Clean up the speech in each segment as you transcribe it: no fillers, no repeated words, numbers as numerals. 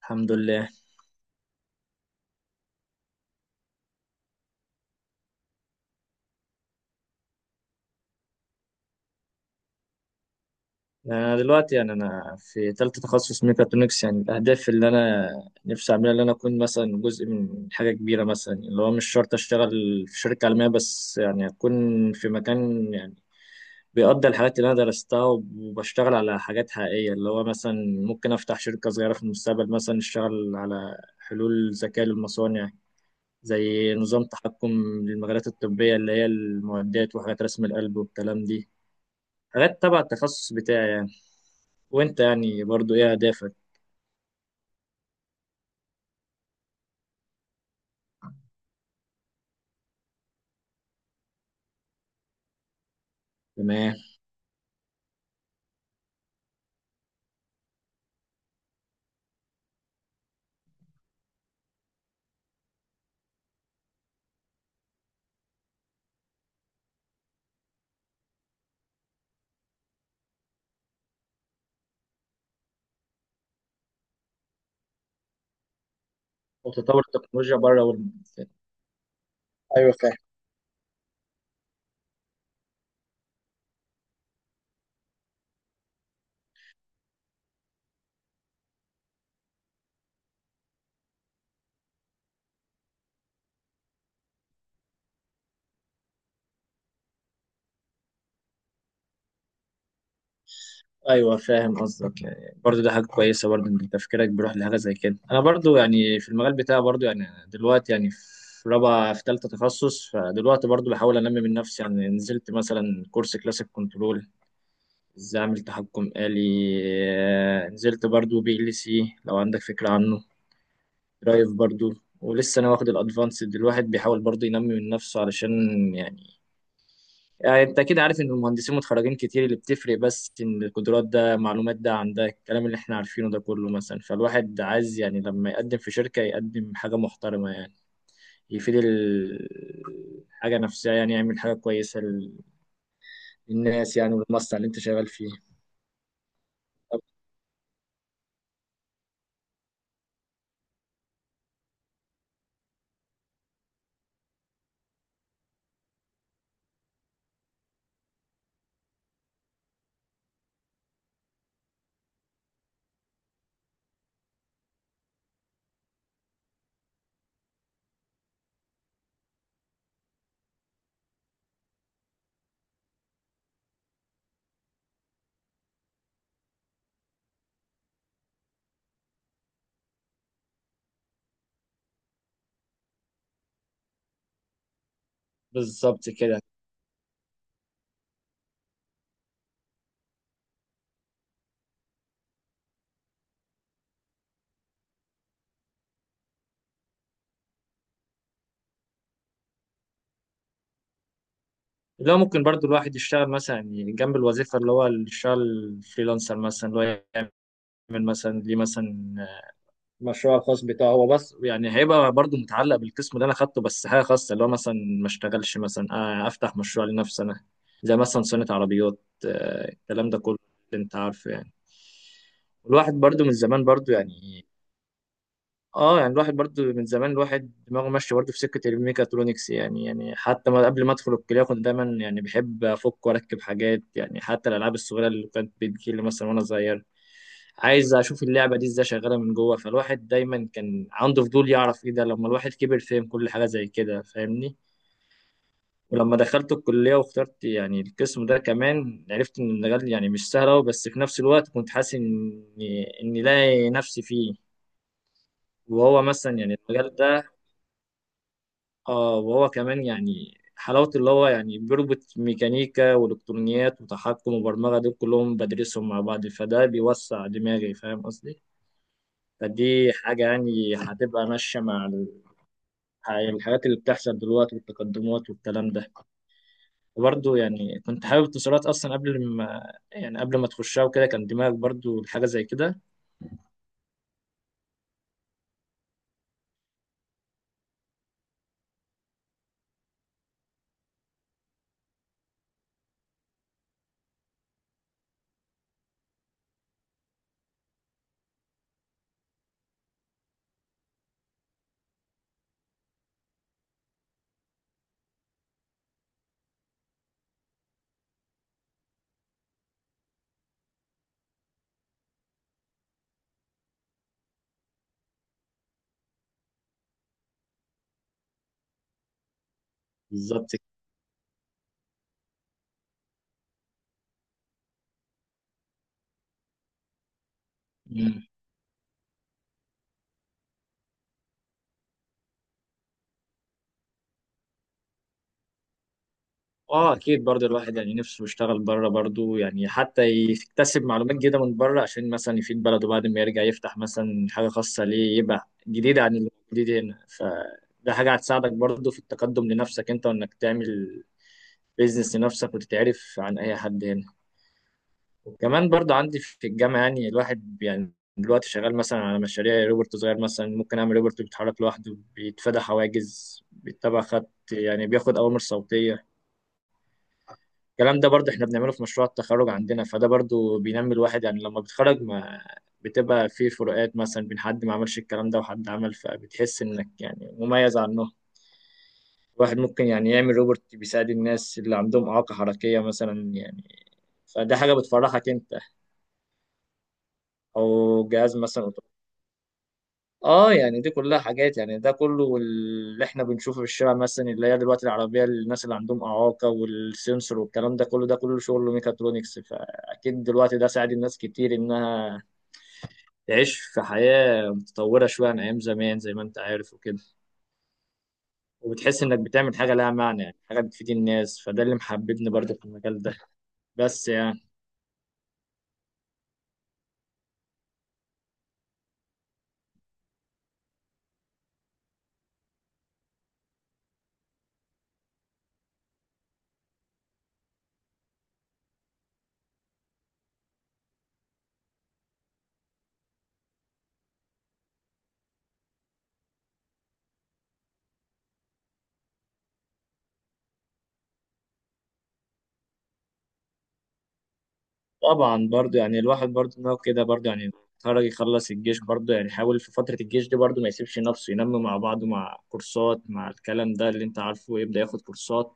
الحمد لله. انا دلوقتي يعني انا في ثالثه تخصص ميكاترونكس، يعني الاهداف اللي انا نفسي اعملها اللي انا اكون مثلا جزء من حاجه كبيره، مثلا اللي هو مش شرط اشتغل في شركه عالميه، بس يعني اكون في مكان يعني بيقضي الحاجات اللي انا درستها وبشتغل على حاجات حقيقيه، اللي هو مثلا ممكن افتح شركه صغيره في المستقبل، مثلا اشتغل على حلول ذكاء للمصانع زي نظام تحكم للمجالات الطبيه اللي هي المعدات وحاجات رسم القلب والكلام دي، حاجات تبع التخصص بتاعي يعني. وانت يعني برضو ايه اهدافك؟ تمام. وتطور التكنولوجيا بره والمنافسات. ايوه فاهم. ايوه فاهم قصدك، يعني برضو ده حاجه كويسه برضو ان تفكيرك بيروح لحاجه زي كده. انا برضو يعني في المجال بتاعي برضو، يعني دلوقتي يعني في رابعه في ثالثه تخصص، فدلوقتي برضو بحاول انمي من نفسي، يعني نزلت مثلا كورس كلاسيك كنترول، ازاي اعمل تحكم آلي. نزلت برضو بي ال سي لو عندك فكره عنه، درايف برضو، ولسه انا واخد الادفانسد. الواحد بيحاول برضو ينمي من نفسه علشان يعني يعني انت كده عارف ان المهندسين متخرجين كتير، اللي بتفرق بس ان القدرات ده معلومات ده عن ده الكلام اللي احنا عارفينه ده كله. مثلا فالواحد عايز يعني لما يقدم في شركة يقدم حاجة محترمة، يعني يفيد الحاجة نفسها، يعني يعمل حاجة كويسة للناس يعني، والمصنع اللي انت شغال فيه. بالظبط كده. لو ممكن برضو الواحد يشتغل مثلا يعني جنب الوظيفة، اللي هو الشغل فريلانسر مثلا، اللي هو يعمل مثلا ليه مثلا مشروع الخاص بتاعه هو، بس يعني هيبقى برضو متعلق بالقسم اللي انا خدته، بس حاجه خاصه اللي هو مثلا ما اشتغلش مثلا، افتح مشروع لنفسي انا، زي مثلا صيانه عربيات. الكلام ده كله انت عارفه يعني. الواحد برضو من زمان برضو يعني، اه يعني الواحد برضو من زمان الواحد دماغه ماشيه برضو في سكه الميكاترونكس. يعني حتى ما قبل ما ادخل الكليه كنت دايما يعني بحب افك واركب حاجات، يعني حتى الالعاب الصغيره اللي كانت بتجيلي مثلا وانا صغير، عايز اشوف اللعبه دي ازاي شغاله من جوه. فالواحد دايما كان عنده فضول يعرف ايه ده، لما الواحد كبر فهم كل حاجه زي كده. فاهمني؟ ولما دخلت الكليه واخترت يعني القسم ده، كمان عرفت ان المجال يعني مش سهل أوي، بس في نفس الوقت كنت حاسس اني لاقي نفسي فيه. وهو مثلا يعني المجال ده، اه وهو كمان يعني حلاوة اللي هو يعني بيربط ميكانيكا والكترونيات وتحكم وبرمجة، دول كلهم بدرسهم مع بعض، فده بيوسع دماغي. فاهم قصدي؟ فدي حاجة يعني هتبقى ماشية مع الحاجات اللي بتحصل دلوقتي والتقدمات والكلام ده. وبرضه يعني كنت حابب اتصالات أصلا قبل ما يعني قبل ما تخشها وكده، كان دماغك برضه حاجة زي كده؟ بالظبط كده. مم. اه اكيد، برضه الواحد يعني نفسه يشتغل بره برضه، يعني حتى يكتسب معلومات جديده من بره، عشان مثلا يفيد بلده بعد ما يرجع، يفتح مثلا حاجه خاصه ليه يبقى جديده عن اللي موجود هنا. فده حاجه هتساعدك برضه في التقدم لنفسك انت، وانك تعمل بيزنس لنفسك وتتعرف عن اي حد هنا. وكمان برضو عندي في الجامعه، يعني الواحد يعني دلوقتي شغال مثلا على مشاريع روبوت صغير، مثلا ممكن اعمل روبوت بيتحرك لوحده، بيتفادى حواجز، بيتبع خط، يعني بياخد اوامر صوتيه. الكلام ده برضو احنا بنعمله في مشروع التخرج عندنا، فده برضو بينمي الواحد. يعني لما بتخرج ما بتبقى في فروقات مثلا بين حد ما عملش الكلام ده وحد عمل، فبتحس انك يعني مميز عنه. الواحد ممكن يعني يعمل روبوت بيساعد الناس اللي عندهم إعاقة حركية مثلا، يعني فده حاجة بتفرحك انت. او جهاز مثلا اه يعني دي كلها حاجات، يعني ده كله اللي احنا بنشوفه في الشارع مثلا، اللي هي دلوقتي العربيه الناس اللي عندهم اعاقه والسنسور والكلام ده كله، ده كله شغل ميكاترونكس. فاكيد دلوقتي ده ساعد الناس كتير انها تعيش في حياه متطوره شويه عن ايام زمان، زي ما انت عارف وكده. وبتحس انك بتعمل حاجه لها معنى، يعني حاجه بتفيد الناس، فده اللي محببني برضه في المجال ده، بس يعني. طبعا برضه، يعني الواحد برضه ان هو كده برضه، يعني خرج يخلص الجيش برضه، يعني حاول في فترة الجيش دي برضه ما يسيبش نفسه، ينمي مع بعضه مع كورسات مع الكلام ده اللي انت عارفه، يبدأ ياخد كورسات،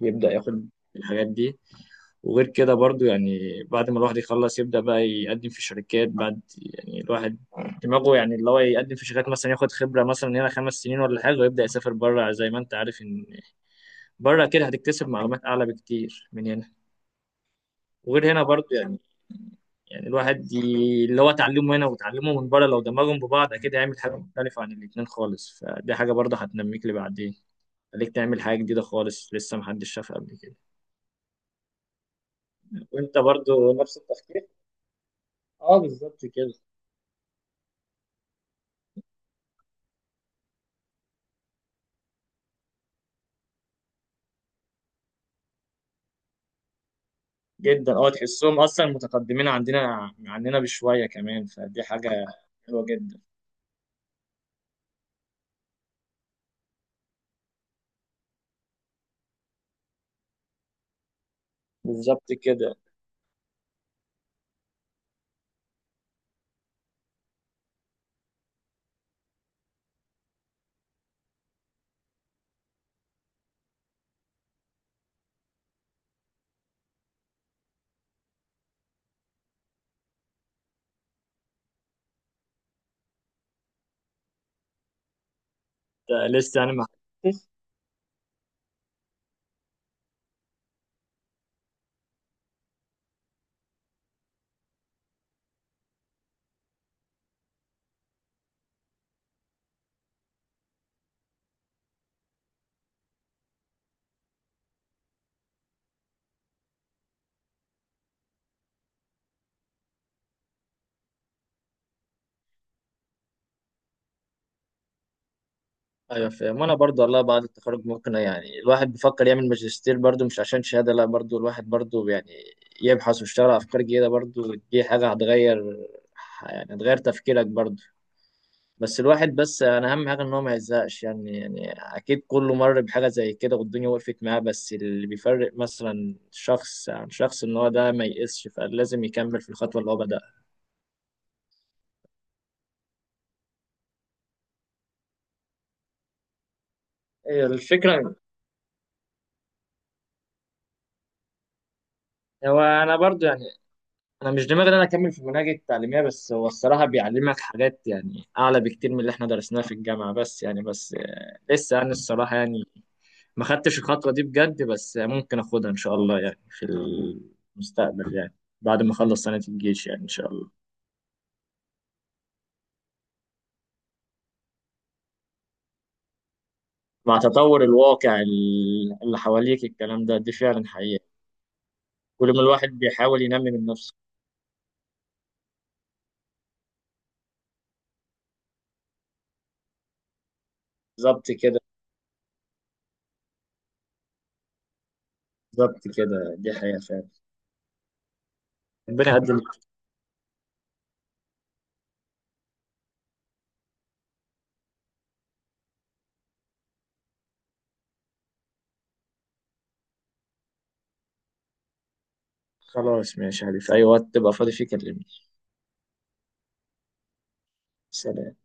ويبدأ ياخد الحاجات دي. وغير كده برضه يعني بعد ما الواحد يخلص، يبدأ بقى يقدم في شركات بعد، يعني الواحد دماغه يعني اللي هو يقدم في شركات، مثلا ياخد خبرة مثلا هنا 5 سنين ولا حاجة، ويبدأ يسافر بره. زي ما انت عارف ان بره كده هتكتسب معلومات أعلى بكتير من هنا. وغير هنا برضه يعني الواحد اللي هو اتعلمه هنا وتعلمه من بره لو دمجهم ببعض، اكيد هيعمل حاجه مختلفه عن الاتنين خالص. فدي حاجه برضه هتنميك لبعدين، خليك تعمل حاجه جديده خالص لسه محدش شافها قبل كده. وانت برضه نفس التفكير؟ اه بالظبط كده. جدا، اه تحسهم اصلا متقدمين عندنا عننا بشويه كمان، فدي حاجه حلوه جدا. بالظبط كده. انت لسه يعني ما. ايوه فاهم. وانا برضو والله بعد التخرج ممكن يعني الواحد بيفكر يعمل ماجستير، برضو مش عشان شهاده لا، برضو الواحد برضو يعني يبحث ويشتغل على افكار جديده برضو، دي حاجه هتغير، يعني هتغير تفكيرك برضو. بس الواحد، بس انا اهم حاجه ان هو ما يزهقش، يعني اكيد كله مر بحاجه زي كده والدنيا وقفت معاه، بس اللي بيفرق مثلا شخص عن شخص ان هو ده ما ييأسش، فلازم يكمل في الخطوه اللي هو بدأها. هي الفكره. هو انا برضو، انا مش دماغي ان انا اكمل في المناهج التعليميه، بس هو الصراحه بيعلمك حاجات يعني اعلى بكتير من اللي احنا درسناها في الجامعه، بس يعني، بس لسه يعني الصراحه يعني ما خدتش الخطوه دي بجد، بس ممكن اخدها ان شاء الله، يعني في المستقبل، يعني بعد ما اخلص سنه الجيش، يعني ان شاء الله. مع تطور الواقع اللي حواليك، الكلام ده دي فعلا حقيقه، كل ما الواحد بيحاول ينمي من نفسه. بالظبط كده. بالظبط كده دي حقيقه فعلا. ربنا يقدم. خلاص ماشي يا علي، في اي وقت تبقى فاضي فيه كلمني. سلام.